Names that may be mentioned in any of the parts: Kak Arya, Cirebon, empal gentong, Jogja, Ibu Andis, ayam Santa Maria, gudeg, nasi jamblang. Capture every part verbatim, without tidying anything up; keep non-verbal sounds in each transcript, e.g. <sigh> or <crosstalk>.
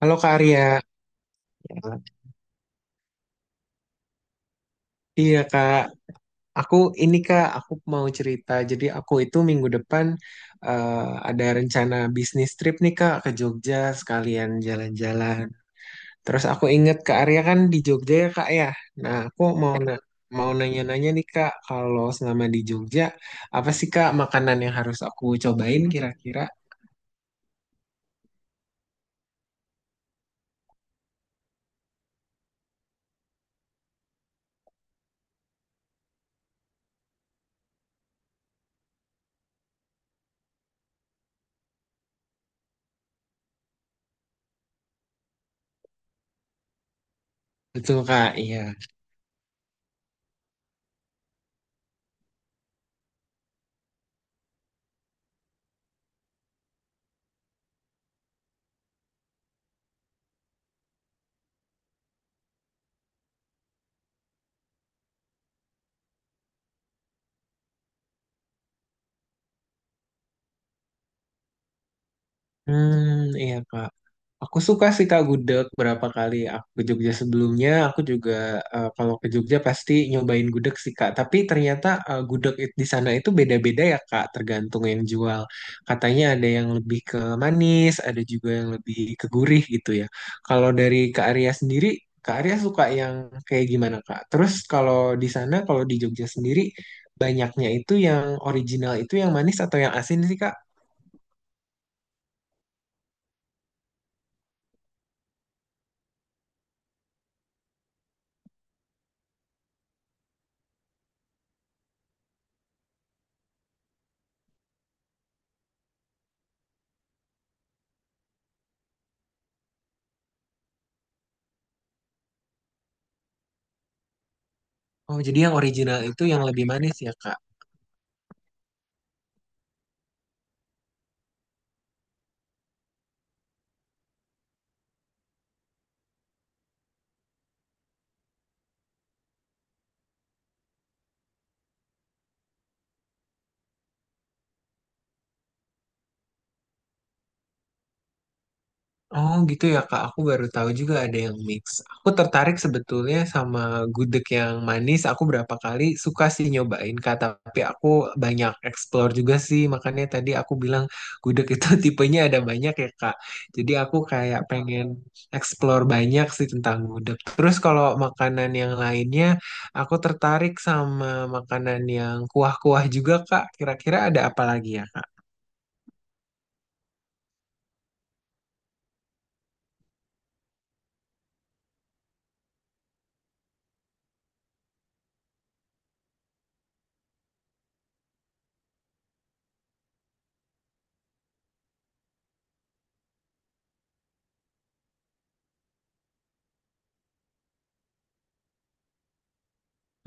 Halo Kak Arya, ya. Iya Kak, aku ini Kak, aku mau cerita. Jadi aku itu minggu depan eh, ada rencana bisnis trip nih Kak ke Jogja sekalian jalan-jalan. Terus aku inget Kak Arya kan di Jogja ya Kak ya. Nah aku mau na- mau nanya-nanya nih Kak, kalau selama di Jogja apa sih Kak makanan yang harus aku cobain kira-kira? Betul Kak, iya. Hmm, iya Kak. Aku suka sih Kak gudeg berapa kali aku ke Jogja sebelumnya. Aku juga eh, kalau ke Jogja pasti nyobain gudeg sih Kak. Tapi ternyata eh, gudeg it- di sana itu beda-beda ya Kak, tergantung yang jual. Katanya ada yang lebih ke manis, ada juga yang lebih ke gurih gitu ya. Kalau dari Kak Arya sendiri, Kak Arya suka yang kayak gimana Kak? Terus kalau di sana, kalau di Jogja sendiri, banyaknya itu yang original itu yang manis atau yang asin sih Kak? Oh, jadi yang original itu yang lebih manis ya Kak? Oh gitu ya Kak, aku baru tahu juga ada yang mix. Aku tertarik sebetulnya sama gudeg yang manis. Aku berapa kali suka sih nyobain Kak, tapi aku banyak explore juga sih. Makanya tadi aku bilang gudeg itu <laughs> tipenya ada banyak ya Kak. Jadi aku kayak pengen explore banyak sih tentang gudeg. Terus kalau makanan yang lainnya, aku tertarik sama makanan yang kuah-kuah juga Kak. Kira-kira ada apa lagi ya Kak?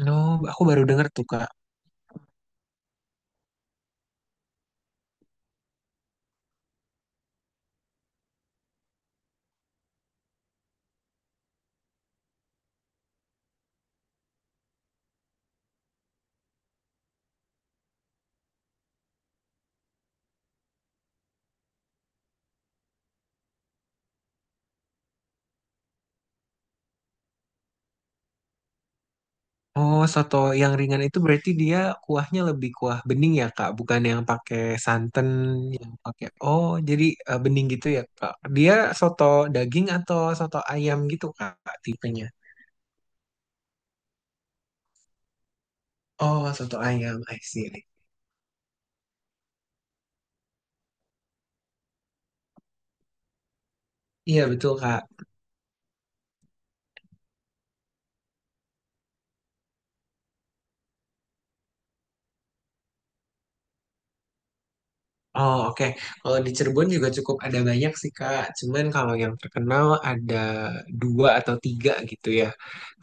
No, aku baru dengar tuh Kak. Oh, soto yang ringan itu berarti dia kuahnya lebih kuah bening ya, Kak, bukan yang pakai santan, yang pakai oh, jadi eh, bening gitu ya, Kak. Dia soto daging atau soto ayam gitu, Kak, tipenya. Oh, soto ayam, I see. Iya, betul, Kak. Oh, oke. Kalau di Cirebon juga cukup ada banyak sih, Kak. Cuman kalau yang terkenal ada dua atau tiga gitu ya.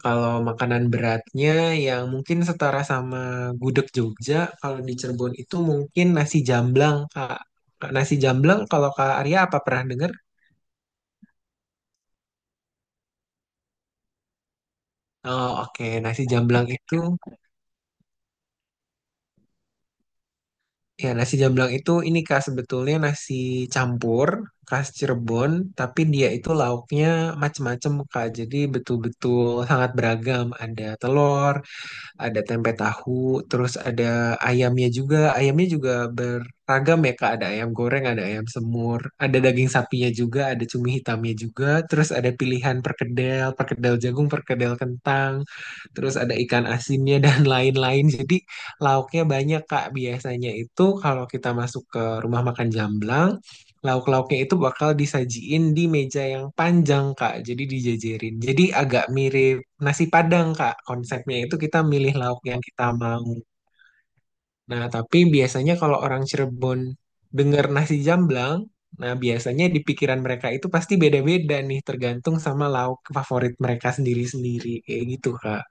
Kalau makanan beratnya yang mungkin setara sama gudeg Jogja, kalau di Cirebon itu mungkin nasi jamblang, Kak. Kak, nasi jamblang kalau Kak Arya apa pernah dengar? Oh, oke. Nasi jamblang itu ya nasi jamblang itu ini Kak sebetulnya nasi campur khas Cirebon, tapi dia itu lauknya macem-macem Kak. Jadi betul-betul sangat beragam. Ada telur, ada tempe tahu, terus ada ayamnya juga. Ayamnya juga beragam ya Kak, ada ayam goreng, ada ayam semur, ada daging sapinya juga, ada cumi hitamnya juga, terus ada pilihan perkedel, perkedel jagung, perkedel kentang, terus ada ikan asinnya dan <laughs> lain-lain. Jadi lauknya banyak Kak, biasanya itu kalau kita masuk ke rumah makan Jamblang, lauk-lauknya itu bakal disajiin di meja yang panjang, Kak. Jadi dijajarin. Jadi agak mirip nasi Padang, Kak. Konsepnya itu kita milih lauk yang kita mau. Nah, tapi biasanya kalau orang Cirebon dengar nasi jamblang, nah biasanya di pikiran mereka itu pasti beda-beda nih, tergantung sama lauk favorit mereka sendiri-sendiri. Kayak gitu, Kak.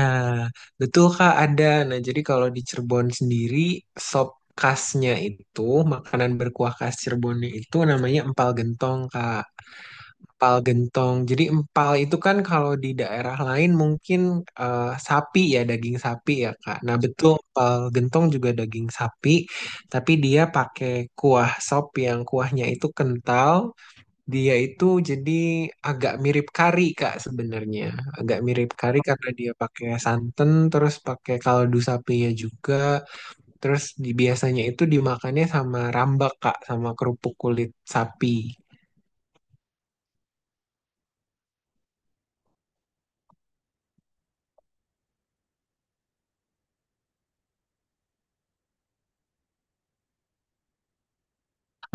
Nah, betul Kak ada. Nah, jadi kalau di Cirebon sendiri sop khasnya itu makanan berkuah khas Cirebonnya itu namanya empal gentong Kak. Empal gentong. Jadi empal itu kan kalau di daerah lain mungkin eh, sapi ya, daging sapi ya Kak. Nah, betul empal gentong juga daging sapi, tapi dia pakai kuah sop yang kuahnya itu kental, dia itu jadi agak mirip kari Kak sebenarnya. Agak mirip kari karena dia pakai santan, terus pakai kaldu sapinya juga. Terus di- biasanya itu dimakannya sama rambak Kak, sama kerupuk kulit sapi. <laughs>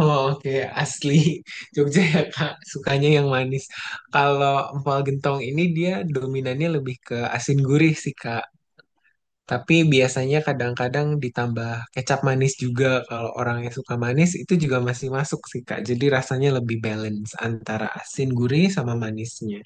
Oh, oke, asli <laughs> Jogja ya Kak, sukanya yang manis. Kalau empal gentong ini dia dominannya lebih ke asin gurih sih Kak. Tapi biasanya kadang-kadang ditambah kecap manis juga. Kalau orang yang suka manis itu juga masih masuk sih, Kak. Jadi rasanya lebih balance antara asin, gurih, sama manisnya.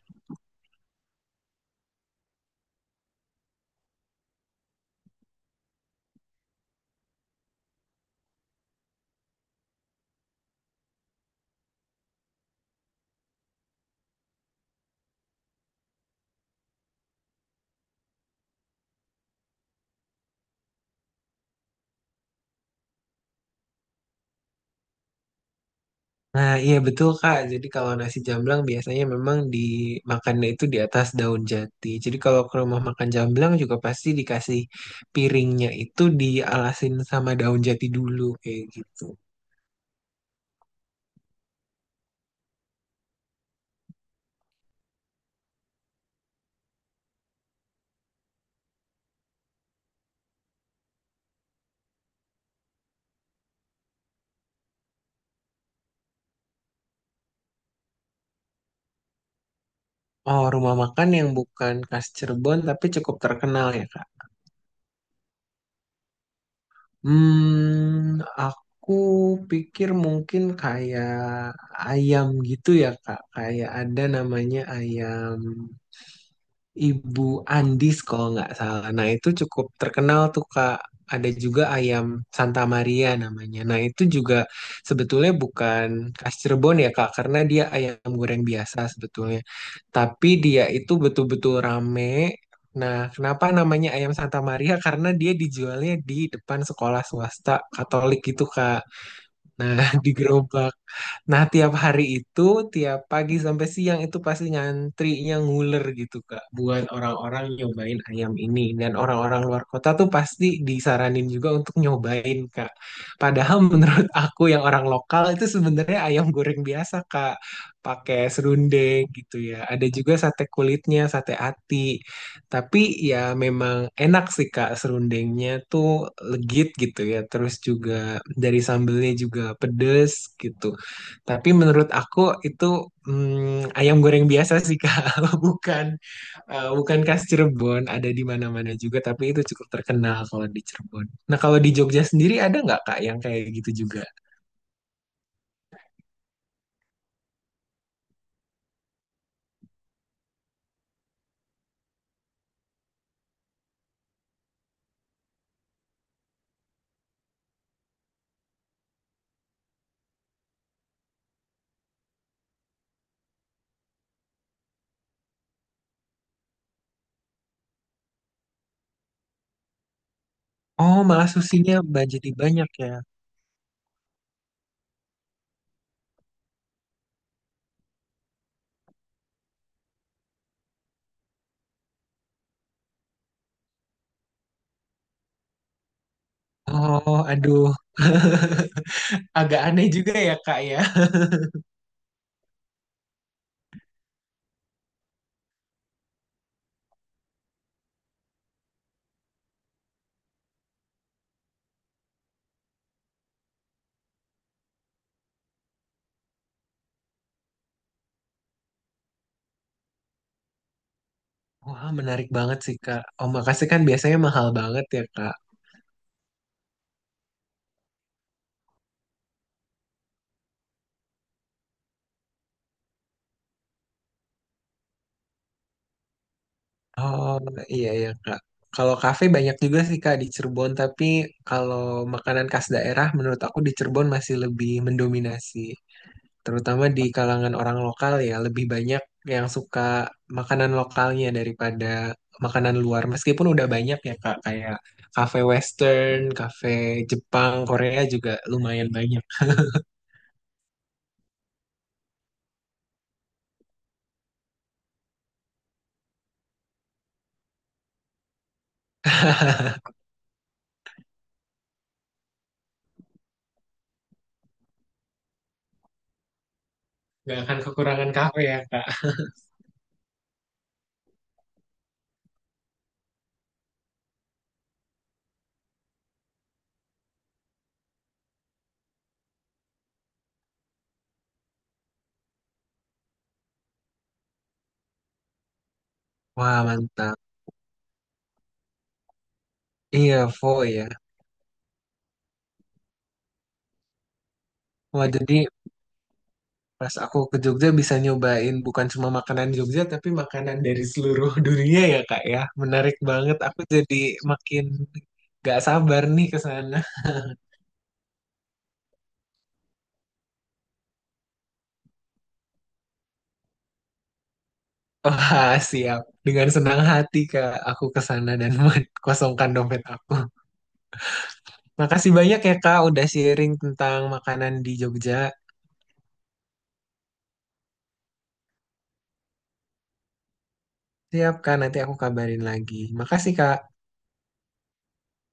Nah, iya betul Kak. Jadi kalau nasi jamblang biasanya memang dimakannya itu di atas daun jati. Jadi kalau ke rumah makan jamblang juga pasti dikasih piringnya itu dialasin sama daun jati dulu kayak gitu. Oh, rumah makan yang bukan khas Cirebon tapi cukup terkenal ya Kak. Hmm, aku pikir mungkin kayak ayam gitu ya Kak. Kayak ada namanya ayam. Ibu Andis kalau nggak salah. Nah itu cukup terkenal tuh Kak. Ada juga ayam Santa Maria namanya. Nah itu juga sebetulnya bukan khas Cirebon ya Kak, karena dia ayam goreng biasa sebetulnya. Tapi dia itu betul-betul rame. Nah kenapa namanya ayam Santa Maria? Karena dia dijualnya di depan sekolah swasta Katolik gitu Kak. Nah, <laughs> di gerobak. Nah, tiap hari itu, tiap pagi sampai siang itu pasti ngantrinya nguler gitu, Kak. Buat orang-orang nyobain ayam ini. Dan orang-orang luar kota tuh pasti disaranin juga untuk nyobain, Kak. Padahal <laughs> menurut aku yang orang lokal itu sebenarnya ayam goreng biasa, Kak. Pakai serundeng gitu ya. Ada juga sate kulitnya, sate ati. Tapi ya memang enak sih Kak, serundengnya tuh legit gitu ya. Terus juga dari sambelnya juga pedes gitu. Tapi menurut aku itu mm, ayam goreng biasa sih Kak, <laughs> bukan eh, bukan khas Cirebon. Ada di mana-mana juga, tapi itu cukup terkenal kalau di Cirebon. Nah, kalau di Jogja sendiri ada nggak Kak yang kayak gitu juga? Oh, malah susinya ba- jadi banyak ya. Oh, aduh, <laughs> agak aneh juga ya Kak ya. Wah, menarik banget sih, Kak. Oh, makasih kan biasanya mahal banget ya, Kak. Oh, iya ya, Kak. Kalau kafe banyak juga sih, Kak, di Cirebon. Tapi kalau makanan khas daerah, menurut aku di Cirebon masih lebih mendominasi. Terutama di kalangan orang lokal ya, lebih banyak yang suka makanan lokalnya daripada makanan luar. Meskipun udah banyak ya, Kak, kayak kafe Western, kafe Jepang, Korea juga lumayan banyak. Gak akan kekurangan kafe ya, Kak. Wah, mantap. Iya, Fo ya. Wah, jadi pas aku ke Jogja bisa nyobain bukan cuma makanan Jogja, tapi makanan dari seluruh <laughs> dunia ya, Kak ya. Menarik banget. Aku jadi makin gak sabar nih ke sana. <laughs> Wah, siap. Dengan senang hati, Kak, aku ke sana dan <laughs> kosongkan dompet aku. Makasih banyak ya, Kak, udah sharing tentang makanan di Jogja. Siap, Kak, nanti aku kabarin lagi. Makasih, Kak.